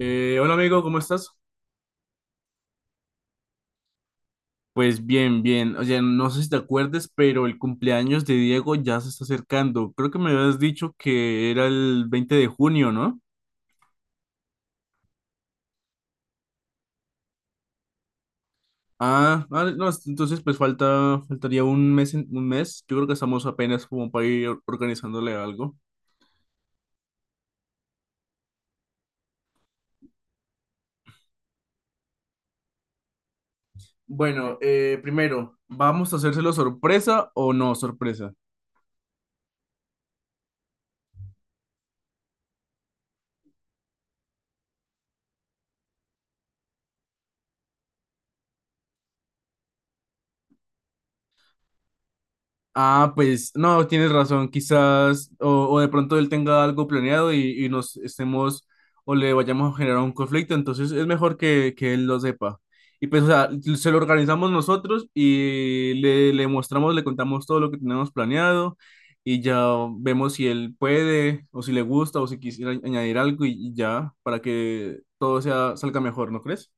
Hola amigo, ¿cómo estás? Pues bien, bien. Oye, no sé si te acuerdes, pero el cumpleaños de Diego ya se está acercando. Creo que me habías dicho que era el 20 de junio, ¿no? Ah, ah, no, entonces pues faltaría 1 mes, 1 mes. Yo creo que estamos apenas como para ir organizándole algo. Bueno, primero, ¿vamos a hacérselo sorpresa o no sorpresa? Ah, pues no, tienes razón, quizás o de pronto él tenga algo planeado y nos estemos o le vayamos a generar un conflicto, entonces es mejor que él lo sepa. Y pues, o sea, se lo organizamos nosotros y le mostramos, le contamos todo lo que tenemos planeado y ya vemos si él puede o si le gusta o si quisiera añadir algo y ya para que todo salga mejor, ¿no crees?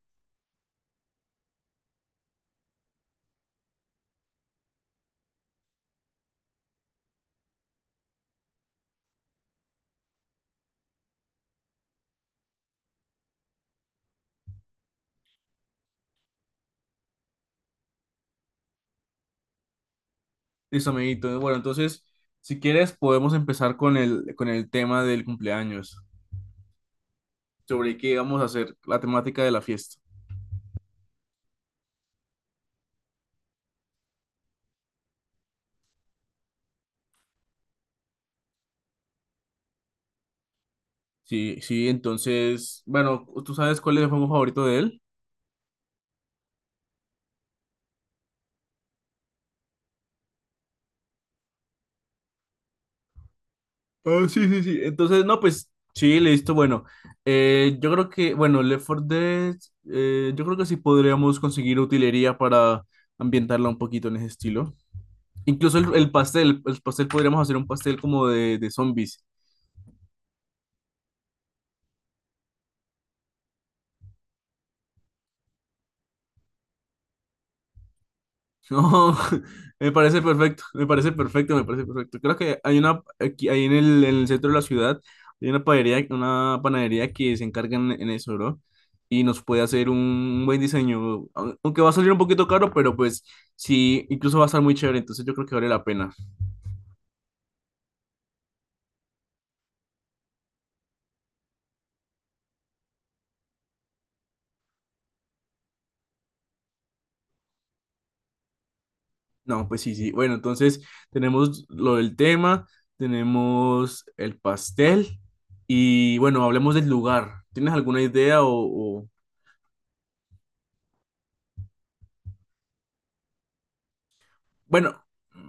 Listo, amiguito. Bueno, entonces, si quieres, podemos empezar con con el tema del cumpleaños, sobre qué vamos a hacer, la temática de la fiesta. Sí, sí, entonces, bueno, ¿tú sabes cuál es el juego favorito de él? Ah, sí, sí, sí. Entonces, no, pues sí, listo. Bueno, yo creo que, bueno, Left 4 Dead, yo creo que sí podríamos conseguir utilería para ambientarla un poquito en ese estilo. Incluso el pastel podríamos hacer un pastel como de zombies. No, me parece perfecto, me parece perfecto, me parece perfecto. Creo que hay una, aquí, ahí en en el centro de la ciudad, hay una panadería que se encarga en eso, ¿no? Y nos puede hacer un buen diseño, aunque va a salir un poquito caro, pero pues sí, incluso va a estar muy chévere, entonces yo creo que vale la pena. No, pues sí, sí. Bueno, entonces tenemos lo del tema, tenemos el pastel y bueno, hablemos del lugar. ¿Tienes alguna idea o? Bueno,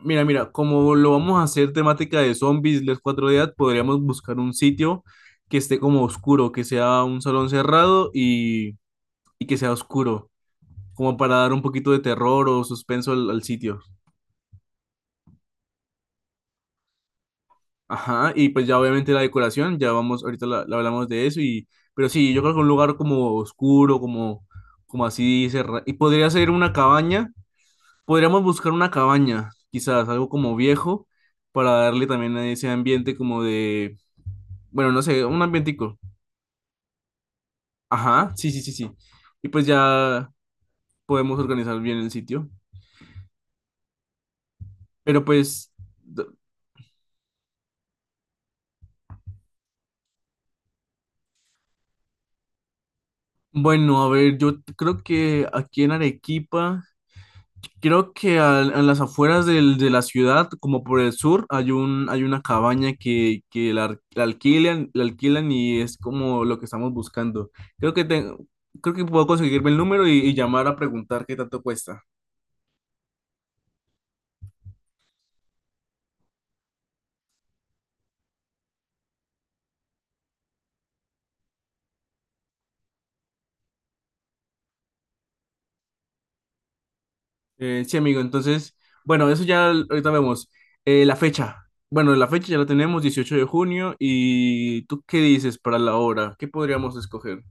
mira, mira, como lo vamos a hacer temática de zombies, les 4 días, podríamos buscar un sitio que esté como oscuro, que sea un salón cerrado y que sea oscuro, como para dar un poquito de terror o suspenso al sitio. Ajá, y pues ya obviamente la decoración, ya vamos, ahorita la hablamos de eso, y, pero sí, yo creo que un lugar como oscuro, como, como así cerrado, y podría ser una cabaña. Podríamos buscar una cabaña, quizás algo como viejo, para darle también a ese ambiente como de, bueno, no sé, un ambientico. Ajá, sí, sí, sí, sí. Y pues ya podemos organizar bien el sitio. Pero pues, d- bueno, a ver, yo creo que aquí en Arequipa... Creo que las afueras de la ciudad, como por el sur, hay un, hay una cabaña que la, la alquilan y es como lo que estamos buscando. Creo que tengo, creo que puedo conseguirme el número y llamar a preguntar qué tanto cuesta. Sí, amigo, entonces, bueno, eso ya ahorita vemos. La fecha. Bueno, la fecha ya la tenemos, 18 de junio. ¿Y tú qué dices para la hora? ¿Qué podríamos escoger?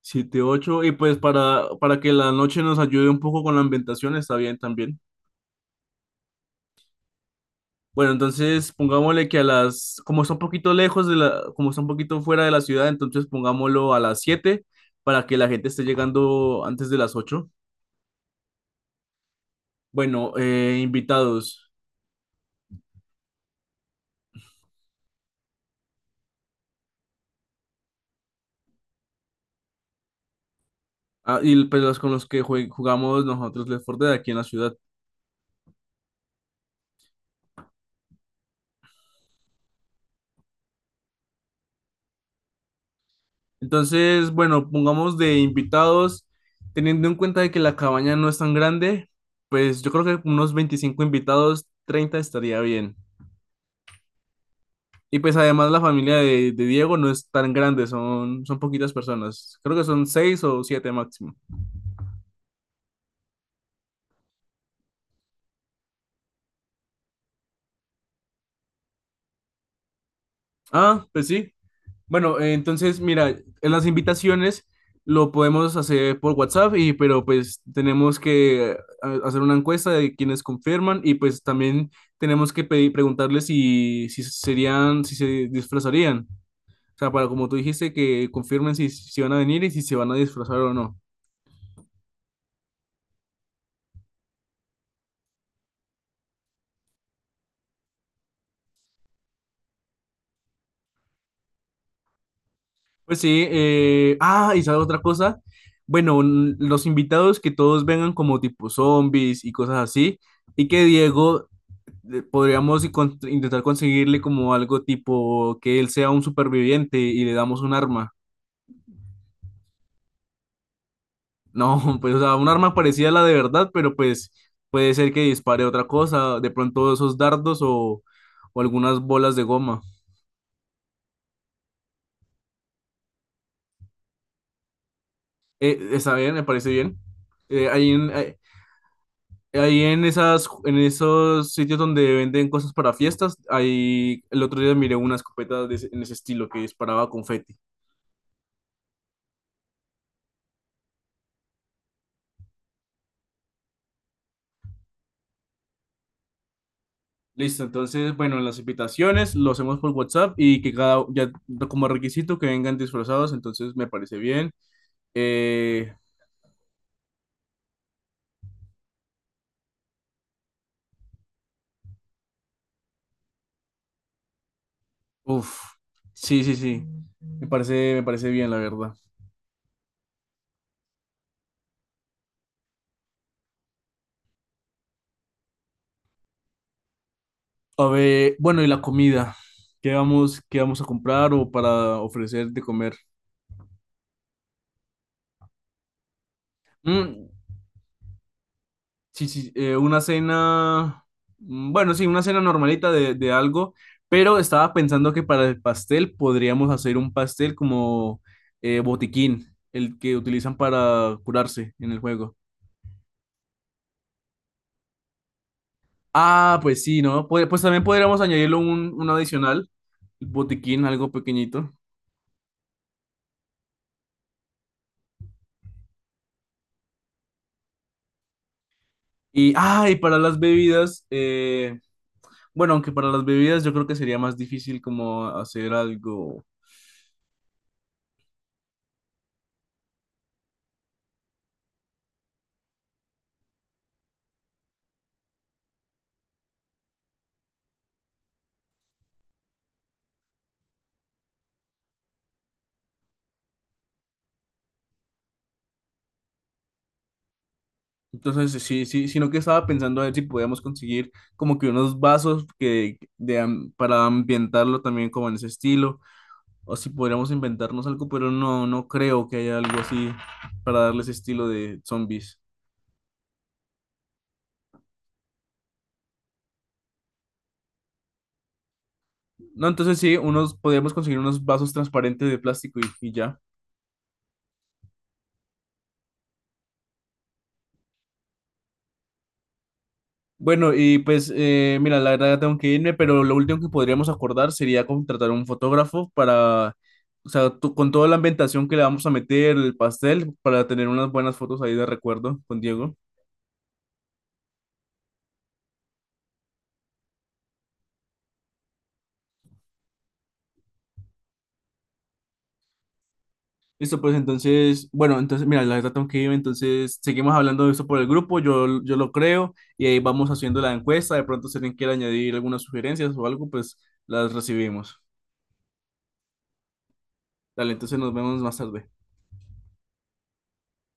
Siete, ocho y pues para que la noche nos ayude un poco con la ambientación, está bien también. Bueno, entonces pongámosle que a las, como está un poquito lejos de la, como está un poquito fuera de la ciudad, entonces pongámoslo a las 7 para que la gente esté llegando antes de las 8. Bueno, invitados, ah, y pues los con los que jugamos nosotros Left 4 Dead aquí en la ciudad. Entonces, bueno, pongamos de invitados, teniendo en cuenta de que la cabaña no es tan grande, pues yo creo que unos 25 invitados, 30 estaría bien. Y pues además la familia de Diego no es tan grande, son, son poquitas personas. Creo que son 6 o 7 máximo. Ah, pues sí. Bueno, entonces mira, en las invitaciones lo podemos hacer por WhatsApp y pero pues tenemos que hacer una encuesta de quienes confirman y pues también tenemos que pedir, preguntarles si serían, si se disfrazarían. O sea, para como tú dijiste, que confirmen si van a venir y si se van a disfrazar o no. Pues sí, ah, y sabes otra cosa, bueno, los invitados que todos vengan como tipo zombies y cosas así, y que Diego podríamos y intentar conseguirle como algo tipo que él sea un superviviente y le damos un arma. No, pues o sea, un arma parecida a la de verdad, pero pues puede ser que dispare otra cosa, de pronto esos dardos o algunas bolas de goma. Está bien, me parece bien. Eh, ahí en- Ahí en esas, en esos sitios donde venden cosas para fiestas, ahí el otro día miré una escopeta de en ese estilo que disparaba confeti. Listo, entonces, bueno, las invitaciones lo hacemos por WhatsApp y que cada, ya como requisito que vengan disfrazados, entonces me parece bien. Eh, uf, sí, sí, sí, me parece bien, la verdad. A ver, bueno, y la comida, qué vamos a comprar o para ofrecer de comer? Mm, sí, sí, una cena, mm, bueno, sí, una cena normalita de algo, pero estaba pensando que para el pastel podríamos hacer un pastel como botiquín, el que utilizan para curarse en el juego. Ah, pues sí, ¿no? Pues también podríamos añadirlo un adicional, botiquín, algo pequeñito. Y, ah, y para las bebidas, bueno, aunque para las bebidas yo creo que sería más difícil como hacer algo. Entonces, sí, sí, sino que estaba pensando a ver si podíamos conseguir como que unos vasos que, de, para ambientarlo también como en ese estilo, o si podríamos inventarnos algo, pero no, no creo que haya algo así para darle ese estilo de zombies. No, entonces sí, unos, podríamos conseguir unos vasos transparentes de plástico y ya. Bueno, y pues mira, la verdad ya tengo que irme, pero lo último que podríamos acordar sería contratar un fotógrafo para, o sea, con toda la ambientación que le vamos a meter, el pastel, para tener unas buenas fotos ahí de recuerdo con Diego. Listo, pues entonces, bueno, entonces mira, la verdad tengo que irme, entonces seguimos hablando de esto por el grupo, yo lo creo, y ahí vamos haciendo la encuesta, de pronto si alguien quiere añadir algunas sugerencias o algo, pues las recibimos. Dale, entonces nos vemos más tarde.